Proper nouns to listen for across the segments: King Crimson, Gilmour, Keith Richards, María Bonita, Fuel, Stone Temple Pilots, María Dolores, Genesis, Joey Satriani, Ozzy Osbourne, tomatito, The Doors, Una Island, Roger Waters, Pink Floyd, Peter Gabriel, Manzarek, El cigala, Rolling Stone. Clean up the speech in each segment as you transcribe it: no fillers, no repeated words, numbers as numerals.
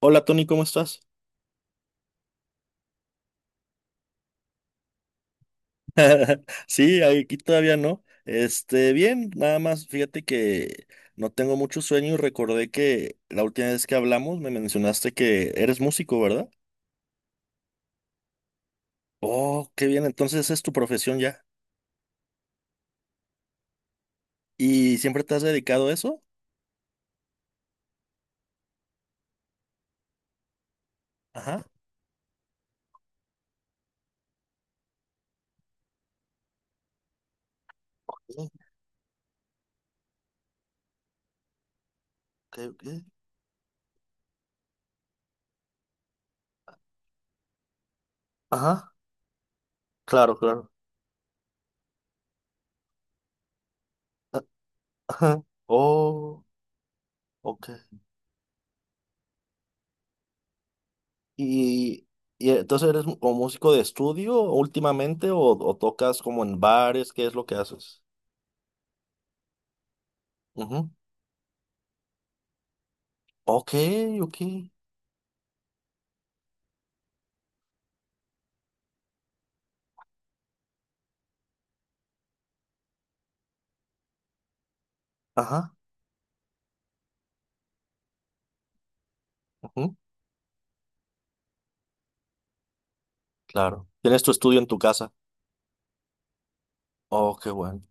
Hola Tony, ¿cómo estás? Sí, aquí todavía no. Este, bien, nada más, fíjate que no tengo mucho sueño y recordé que la última vez que hablamos me mencionaste que eres músico, ¿verdad? Oh, qué bien, entonces esa es tu profesión ya. ¿Y siempre te has dedicado a eso? Ajá. Ok, ok, ok. Ajá, claro, claro. Ah, ajá. Oh, ok. ¿Y, y entonces eres mu- o músico de estudio últimamente o tocas como en bares? ¿Qué es lo que haces? Ok, ok. Ajá, ujú, claro. Tienes tu estudio en tu casa. Oh, qué bueno.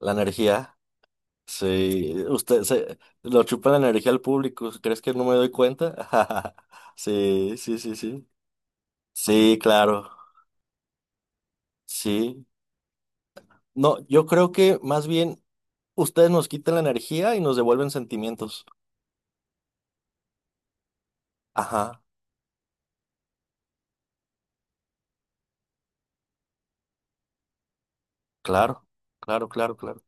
La energía. Sí, usted se lo chupa la energía al público. ¿Crees que no me doy cuenta? Sí, sí, sí, sí. Sí, claro. Sí. No, yo creo que más bien ustedes nos quitan la energía y nos devuelven sentimientos. Ajá, claro, claro, claro, claro.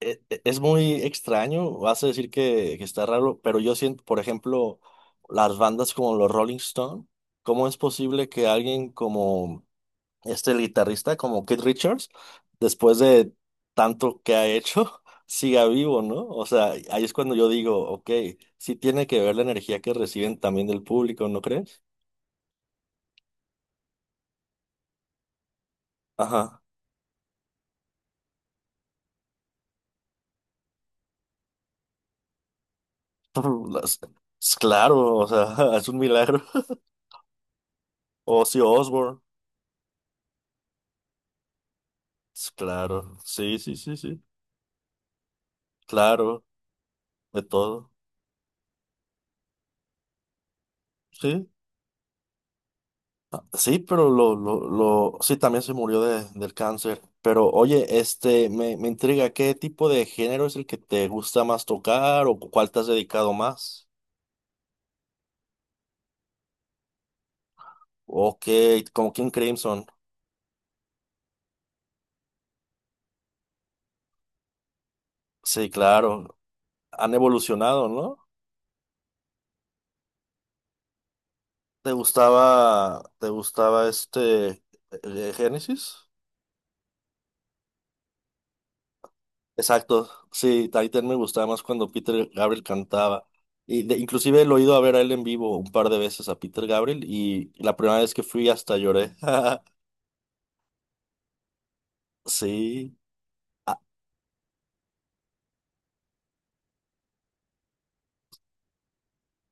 Es muy extraño, vas a decir que está raro, pero yo siento, por ejemplo, las bandas como los Rolling Stone, ¿cómo es posible que alguien como este el guitarrista, como Keith Richards, después de tanto que ha hecho, siga vivo, ¿no? O sea, ahí es cuando yo digo, ok, sí tiene que ver la energía que reciben también del público, ¿no crees? Ajá. Las- Claro, o sea, es un milagro. Ozzy Osbourne, claro, sí, sí, sí, sí, claro. De todo. Sí. Ah, sí, pero lo, sí, también se murió de, del cáncer. Pero oye, este, me intriga, ¿qué tipo de género es el que te gusta más tocar o cuál te has dedicado más? O como King Crimson. Sí, claro. Han evolucionado, ¿no? Te gustaba este, Génesis? Exacto, sí, Titan me gustaba más cuando Peter Gabriel cantaba. Inclusive lo he ido a ver a él en vivo un par de veces a Peter Gabriel y la primera vez que fui hasta lloré. Sí. Ah,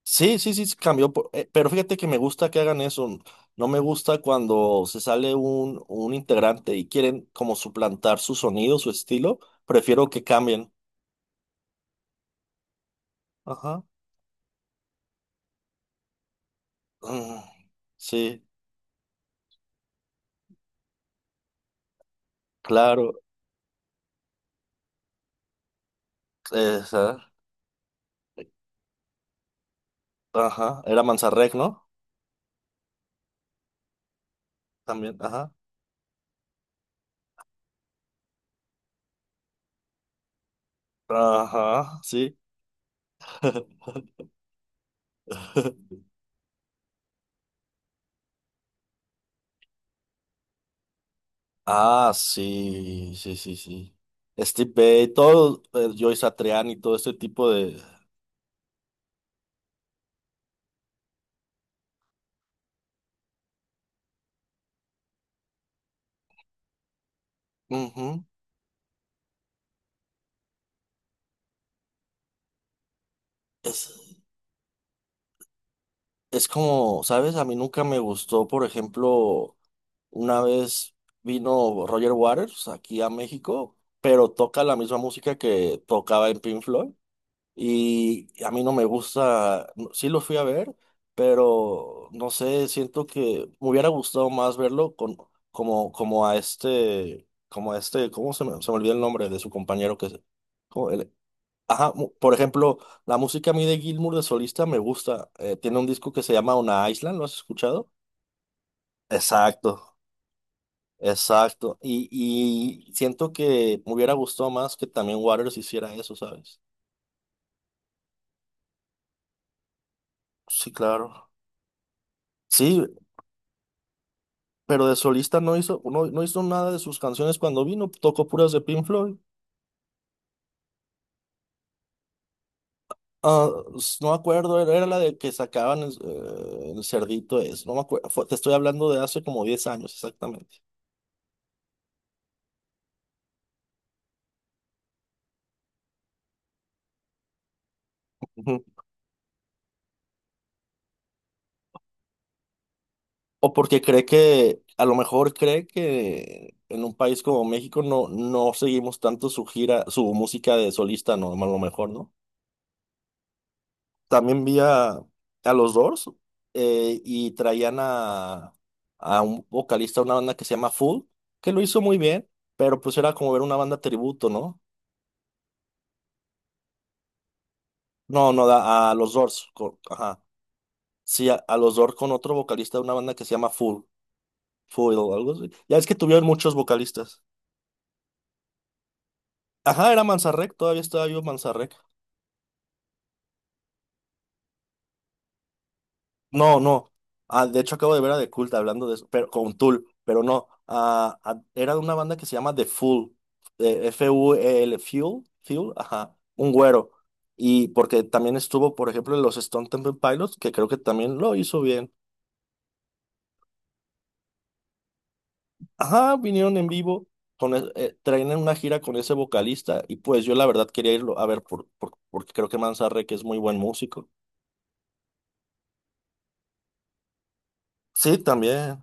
sí, sí, sí, sí, cambió. Pero fíjate que me gusta que hagan eso. No me gusta cuando se sale un integrante y quieren como suplantar su sonido, su estilo. Prefiero que cambien. Ajá. Mm, sí, claro. Esa, ajá. Era Manzarek, ¿no? También, ajá. Ajá, sí. Ah, sí, sí, sí, sí. Steve Bay, todo, Joey Satriani y todo este tipo de... Ujú. Es, es como, ¿sabes? A mí nunca me gustó, por ejemplo, una vez vino Roger Waters aquí a México, pero toca la misma música que tocaba en Pink Floyd. Y a mí no me gusta, sí lo fui a ver, pero no sé, siento que me hubiera gustado más verlo con, como, como a este, ¿cómo se me olvidó el nombre de su compañero ¿cómo ajá, por ejemplo, la música a mí de Gilmour de solista me gusta. Tiene un disco que se llama Una Island, ¿lo has escuchado? Exacto, exacto. Y siento que me hubiera gustado más que también Waters hiciera eso, ¿sabes? Sí, claro. Sí, pero de solista no hizo, no hizo nada de sus canciones cuando vino, tocó puras de Pink Floyd. Ah, no me acuerdo, era, era la de que sacaban el cerdito es, no me acuerdo, te estoy hablando de hace como 10 años exactamente. Ujú. O porque cree que, a lo mejor cree que en un país como México no, no seguimos tanto su gira, su música de solista, no, a lo mejor, ¿no? También vi a los Doors y traían a un vocalista de una banda que se llama Full, que lo hizo muy bien, pero pues era como ver una banda tributo, ¿no? No, no, a los Doors, ajá. Sí, a los Doors con otro vocalista de una banda que se llama Full, Full o algo así. Ya es que tuvieron muchos vocalistas. Ajá, era Manzarek, todavía estaba vivo Manzarek. No, no. Ah, de hecho, acabo de ver a The Cult hablando de eso, pero con Tool, pero no. Ah, ah, era de una banda que se llama The Fool, FUEL, Fuel, Fuel, ajá, un güero. Y porque también estuvo, por ejemplo, en los Stone Temple Pilots, que creo que también lo hizo bien. Ajá, vinieron en vivo, traían una gira con ese vocalista, y pues yo la verdad quería irlo a ver, porque creo que Manzarre, que es muy buen músico. Sí, también.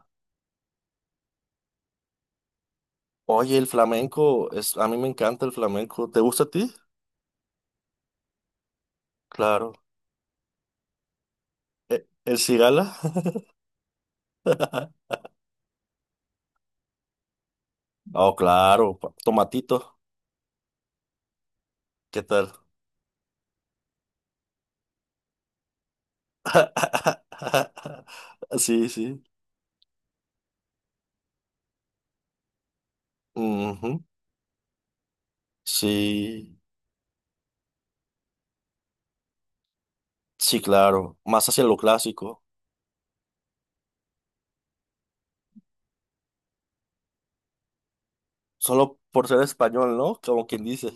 Oye, el flamenco, es, a mí me encanta el flamenco. ¿Te gusta a ti? Claro. El cigala? Oh, claro, tomatito, ¿qué tal? Sí, sí. Ujú. Sí, sí, claro, más hacia lo clásico, solo por ser español, ¿no? Como quien dice.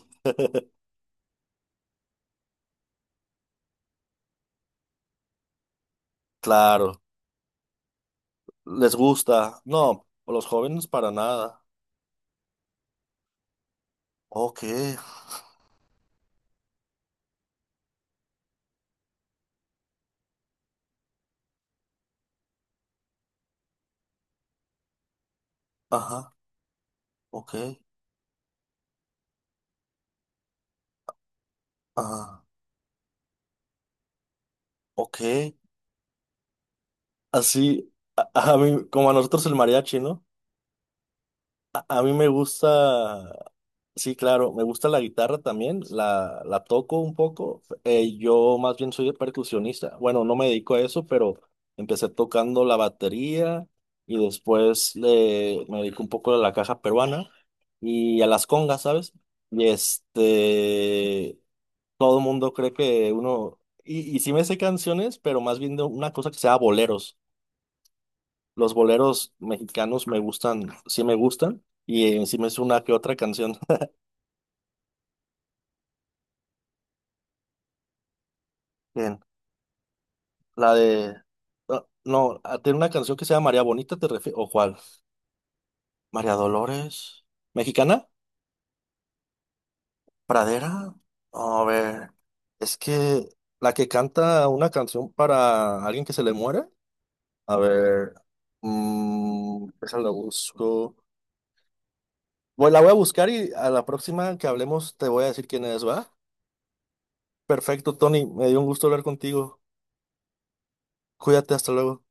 Claro, les gusta. No, los jóvenes para nada. Ok, ajá, ok, ajá, ok. Así, a mí, como a nosotros el mariachi, ¿no? A mí me gusta, sí, claro, me gusta la guitarra también, la toco un poco. Yo más bien soy percusionista. Bueno, no me dedico a eso, pero empecé tocando la batería y me dedico un poco a la caja peruana y a las congas, ¿sabes? Y este, todo el mundo cree que uno, y sí me sé canciones, pero más bien de una cosa que sea boleros. Los boleros mexicanos me gustan, sí me gustan, y encima es una que otra canción. Bien, la de. Ah, no, ah, tiene una canción que se llama María Bonita, ¿te refieres? ¿O cuál? María Dolores. ¿Mexicana? ¿Pradera? No. A ver, es que la que canta una canción para alguien que se le muere. A ver, mm, esa la busco. Bueno, la voy a buscar y a la próxima que hablemos te voy a decir quién es, ¿va? Perfecto, Tony, me dio un gusto hablar contigo. Cuídate, hasta luego.